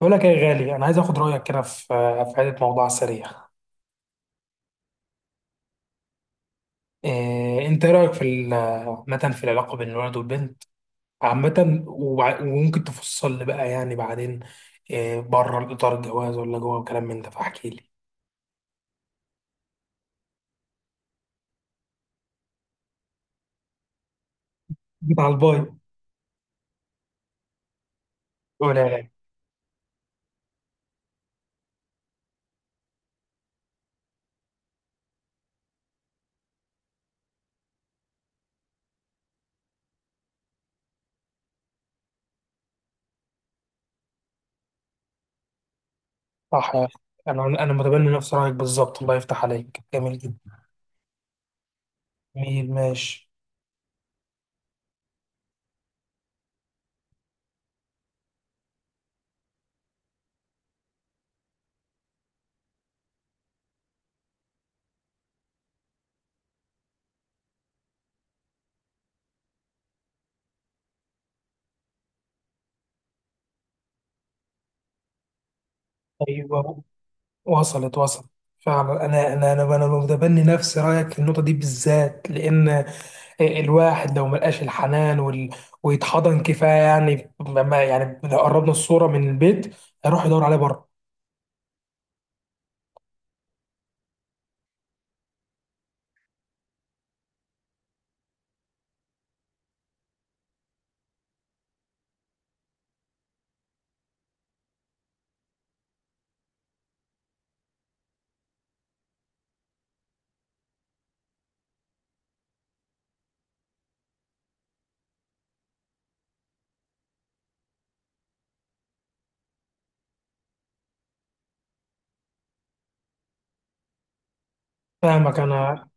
بقول لك إيه يا غالي، انا عايز اخد رايك كده في حته موضوع سريع. انت إيه رايك في عامه في العلاقه بين الولد والبنت عامه، وممكن تفصل لي بقى يعني بعدين إيه، بره الاطار الجواز ولا جوه، وكلام من ده فاحكي لي. جيت على الباي. قول يا غالي. صح يا أخي. انا متبني نفس رايك بالظبط، الله يفتح عليك، جميل جدا. جميل ماشي. ايوه، وصلت وصلت. فعلا انا متبني نفس رايك في النقطه دي بالذات، لان الواحد لو ملقاش الحنان ويتحضن كفايه، يعني ما يعني لو قربنا الصوره من البيت هيروح يدور عليه بره. فاهمك انا.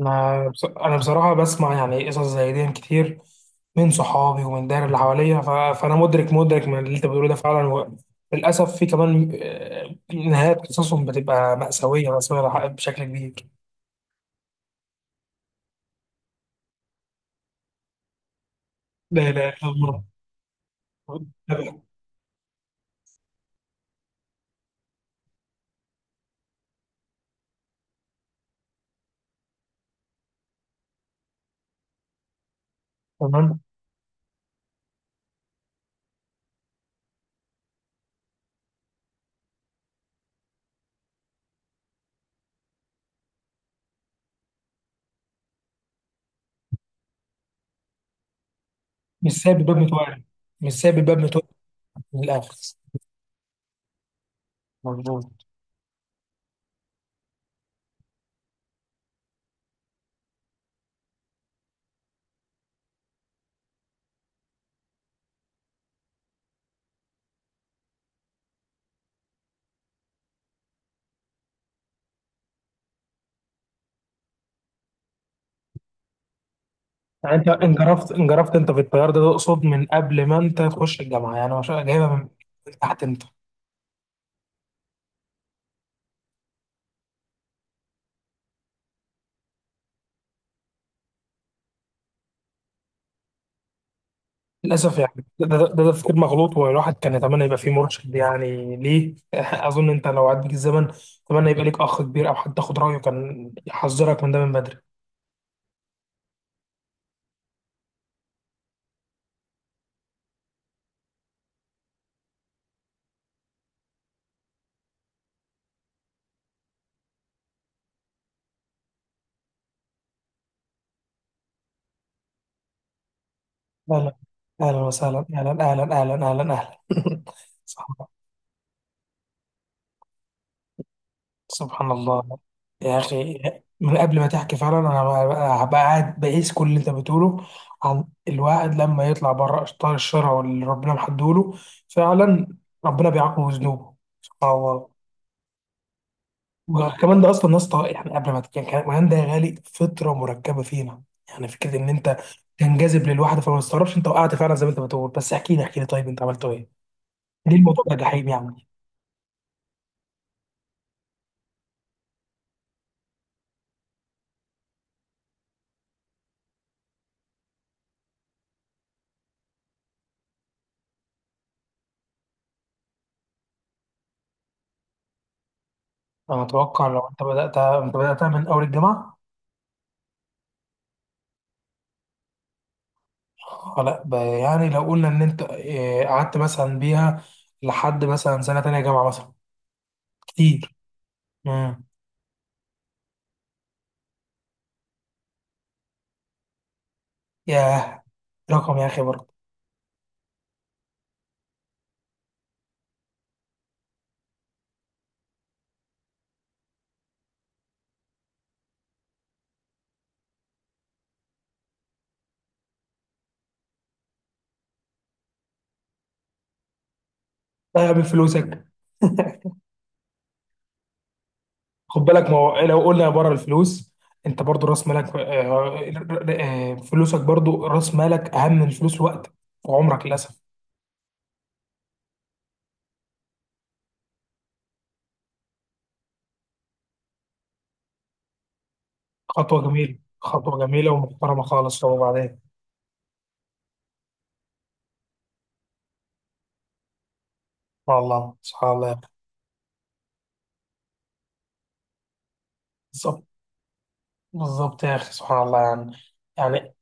انا بصراحه بسمع يعني قصص زي دي كتير من صحابي ومن الدايره اللي حواليا، فانا مدرك من اللي انت بتقوله ده فعلا، للاسف في كمان نهايات قصصهم بتبقى مأساويه مأساويه بشكل كبير. لا لا لا، الله. تمام. مش سايب الباب متوقف، مش سايب الباب متوقف. من الاخر. مظبوط. يعني انت انجرفت انت في التيار ده، تقصد من قبل ما انت تخش الجامعه؟ يعني مش جايبها من تحت انت؟ للاسف يعني ده تفكير مغلوط، والواحد كان يتمنى يبقى فيه مرشد يعني ليه اظن انت لو عاد بيك الزمن، اتمنى يبقى ليك اخ كبير او حد تاخد رايه كان يحذرك من ده من بدري. اهلا، اهلا وسهلا، اهلا اهلا اهلا اهلا اهلا صح. سبحان الله يا اخي. من قبل ما تحكي فعلا، انا هبقى قاعد بقيس كل اللي انت بتقوله عن الواحد لما يطلع بره اشطار الشرع اللي ربنا محدوله، فعلا ربنا بيعاقبه بذنوبه. سبحان الله. وكمان ده اصلا يا اسطى، يعني قبل ما تتكلم كمان ده يا غالي فطره مركبه فينا. يعني فكره ان انت تنجذب للواحده، فما تستغربش انت وقعت فعلا زي ما انت بتقول. بس احكي لي احكي لي، طيب انت عملت ايه؟ ليه الموضوع ده جحيم يعني؟ انا اتوقع لو انت بدات، انت بداتها من اول الجامعه. لا، يعني لو قلنا ان انت قعدت مثلا بيها لحد مثلا سنه تانية جامعه مثلا. كتير. امم. ياه، رقم يا اخي برضه. لا بفلوسك. خد بالك، ما هو لو قلنا بره الفلوس انت برضه راس مالك، فلوسك برضه راس مالك، اهم من الفلوس وقتك وعمرك، للاسف. خطوه جميله، خطوه جميله ومحترمه خالص. طب وبعدين؟ سبحان الله سبحان الله. بالظبط بالظبط يا اخي، سبحان الله يعني. يعني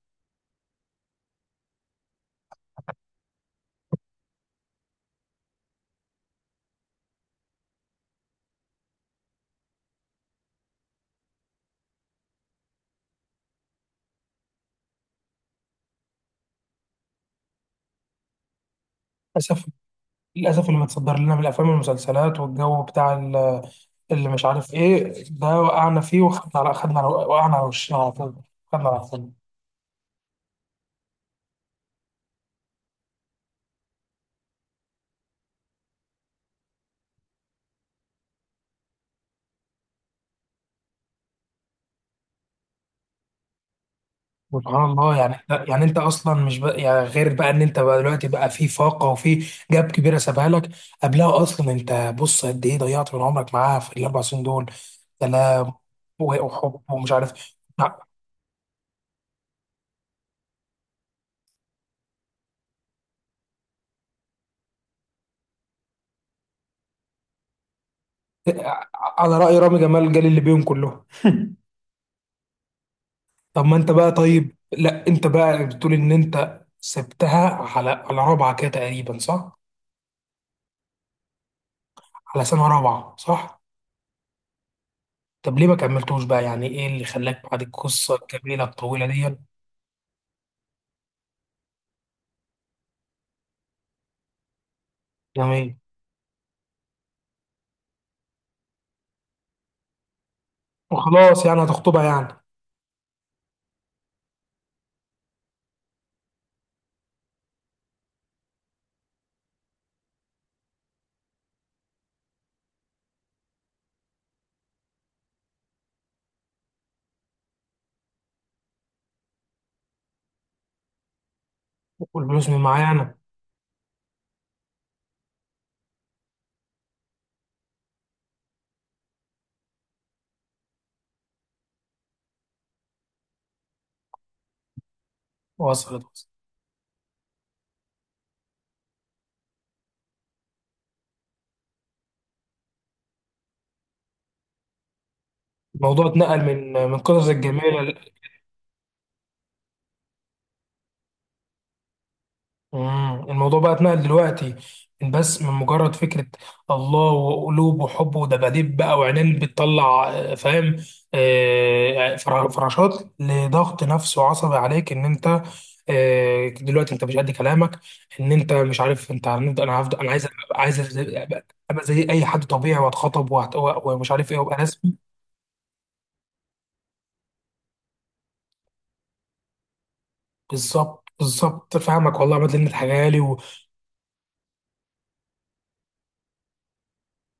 للاسف، للأسف اللي متصدر لنا من الأفلام والمسلسلات والجو بتاع اللي مش عارف إيه ده وقعنا فيه، وخدنا على خدنا على وقعنا على وشنا على طول، خدنا على طول. سبحان الله يعني، انت يعني انت اصلا مش بقى يعني غير بقى ان انت بقى دلوقتي بقى في فاقه وفي جاب كبيره سابها لك. قبلها اصلا، انت بص قد ايه ضيعت من عمرك معاها في الاربع سنين دول؟ سلام. وحب ومش عارف، على رأي رامي جمال، جال اللي بيهم كلهم طب ما انت بقى طيب، لا انت بقى بتقول ان انت سبتها على رابعه كده تقريبا، صح؟ على سنه رابعه صح؟ طب ليه ما كملتوش بقى يعني؟ ايه اللي خلاك بعد القصه الجميله الطويله دي؟ جميل. وخلاص يعني هتخطبها يعني. والفلوس من معايا انا. وصلت وصلت. الموضوع اتنقل من قصص الجميله. مم. الموضوع بقى اتنقل دلوقتي من بس من مجرد فكرة الله وقلوب وحب ودباديب بقى وعينين بتطلع، فاهم؟ فراشات، لضغط نفسي وعصبي عليك ان انت، دلوقتي انت مش قد كلامك، ان انت مش عارف انت هنفضل، انا هفضل انا عايز عايز ابقى، أبقى زي اي حد طبيعي واتخطب ومش عارف ايه، وابقى رسمي. بالظبط بالظبط، فاهمك والله يا مدلن الحاجه لي.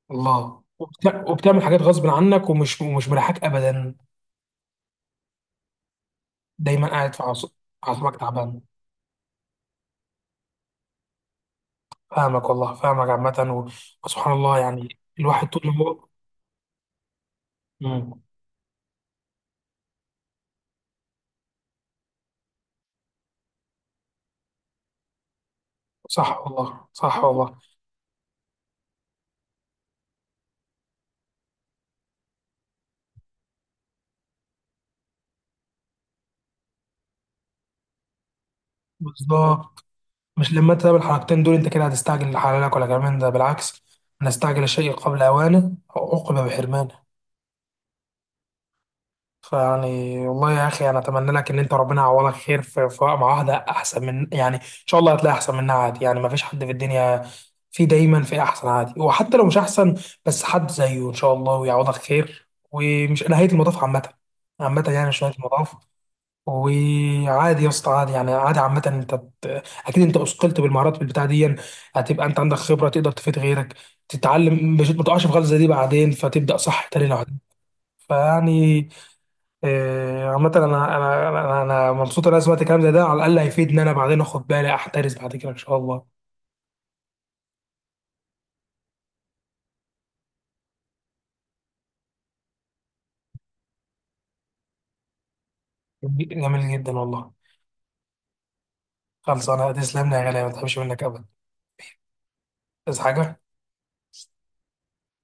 والله، وبتعمل حاجات غصب عنك ومش مريحاك ابدا. دايما قاعد في اعصابك تعبان. فاهمك والله، فاهمك عامة وسبحان الله يعني، الواحد طول ما هو. مم. صح والله صح والله. بالظبط. مش لما انت تعمل الحركتين دول انت كده هتستعجل لحلالك، ولا كمان ده بالعكس؟ نستعجل الشيء قبل اوانه عقب بحرمانه. فيعني والله يا اخي، انا اتمنى لك ان انت ربنا يعوضك خير في مع واحده احسن، من يعني ان شاء الله هتلاقي احسن منها عادي، يعني ما فيش حد في الدنيا. في دايما في احسن عادي، وحتى لو مش احسن بس حد زيه ان شاء الله، ويعوضك خير، ومش نهايه المطاف عامه، عامه يعني مش نهايه المطاف. وعادي يا اسطى، عادي يعني عادي عامه، انت اكيد انت اثقلت بالمهارات بالبتاع دي، هتبقى انت عندك خبره تقدر تفيد غيرك، تتعلم مش ما تقعش في غلطه زي دي بعدين، فتبدا صح تاني لو عدت. فيعني، عامة انا، انا مبسوط ان انا سمعت كلام زي ده، على الاقل هيفيدني انا بعدين اخد بالي احترس بعد كده ان شاء الله. جميل جدا والله. خلص انا تسلم لي يا غالي، ما تحبش منك ابدا. بس حاجة.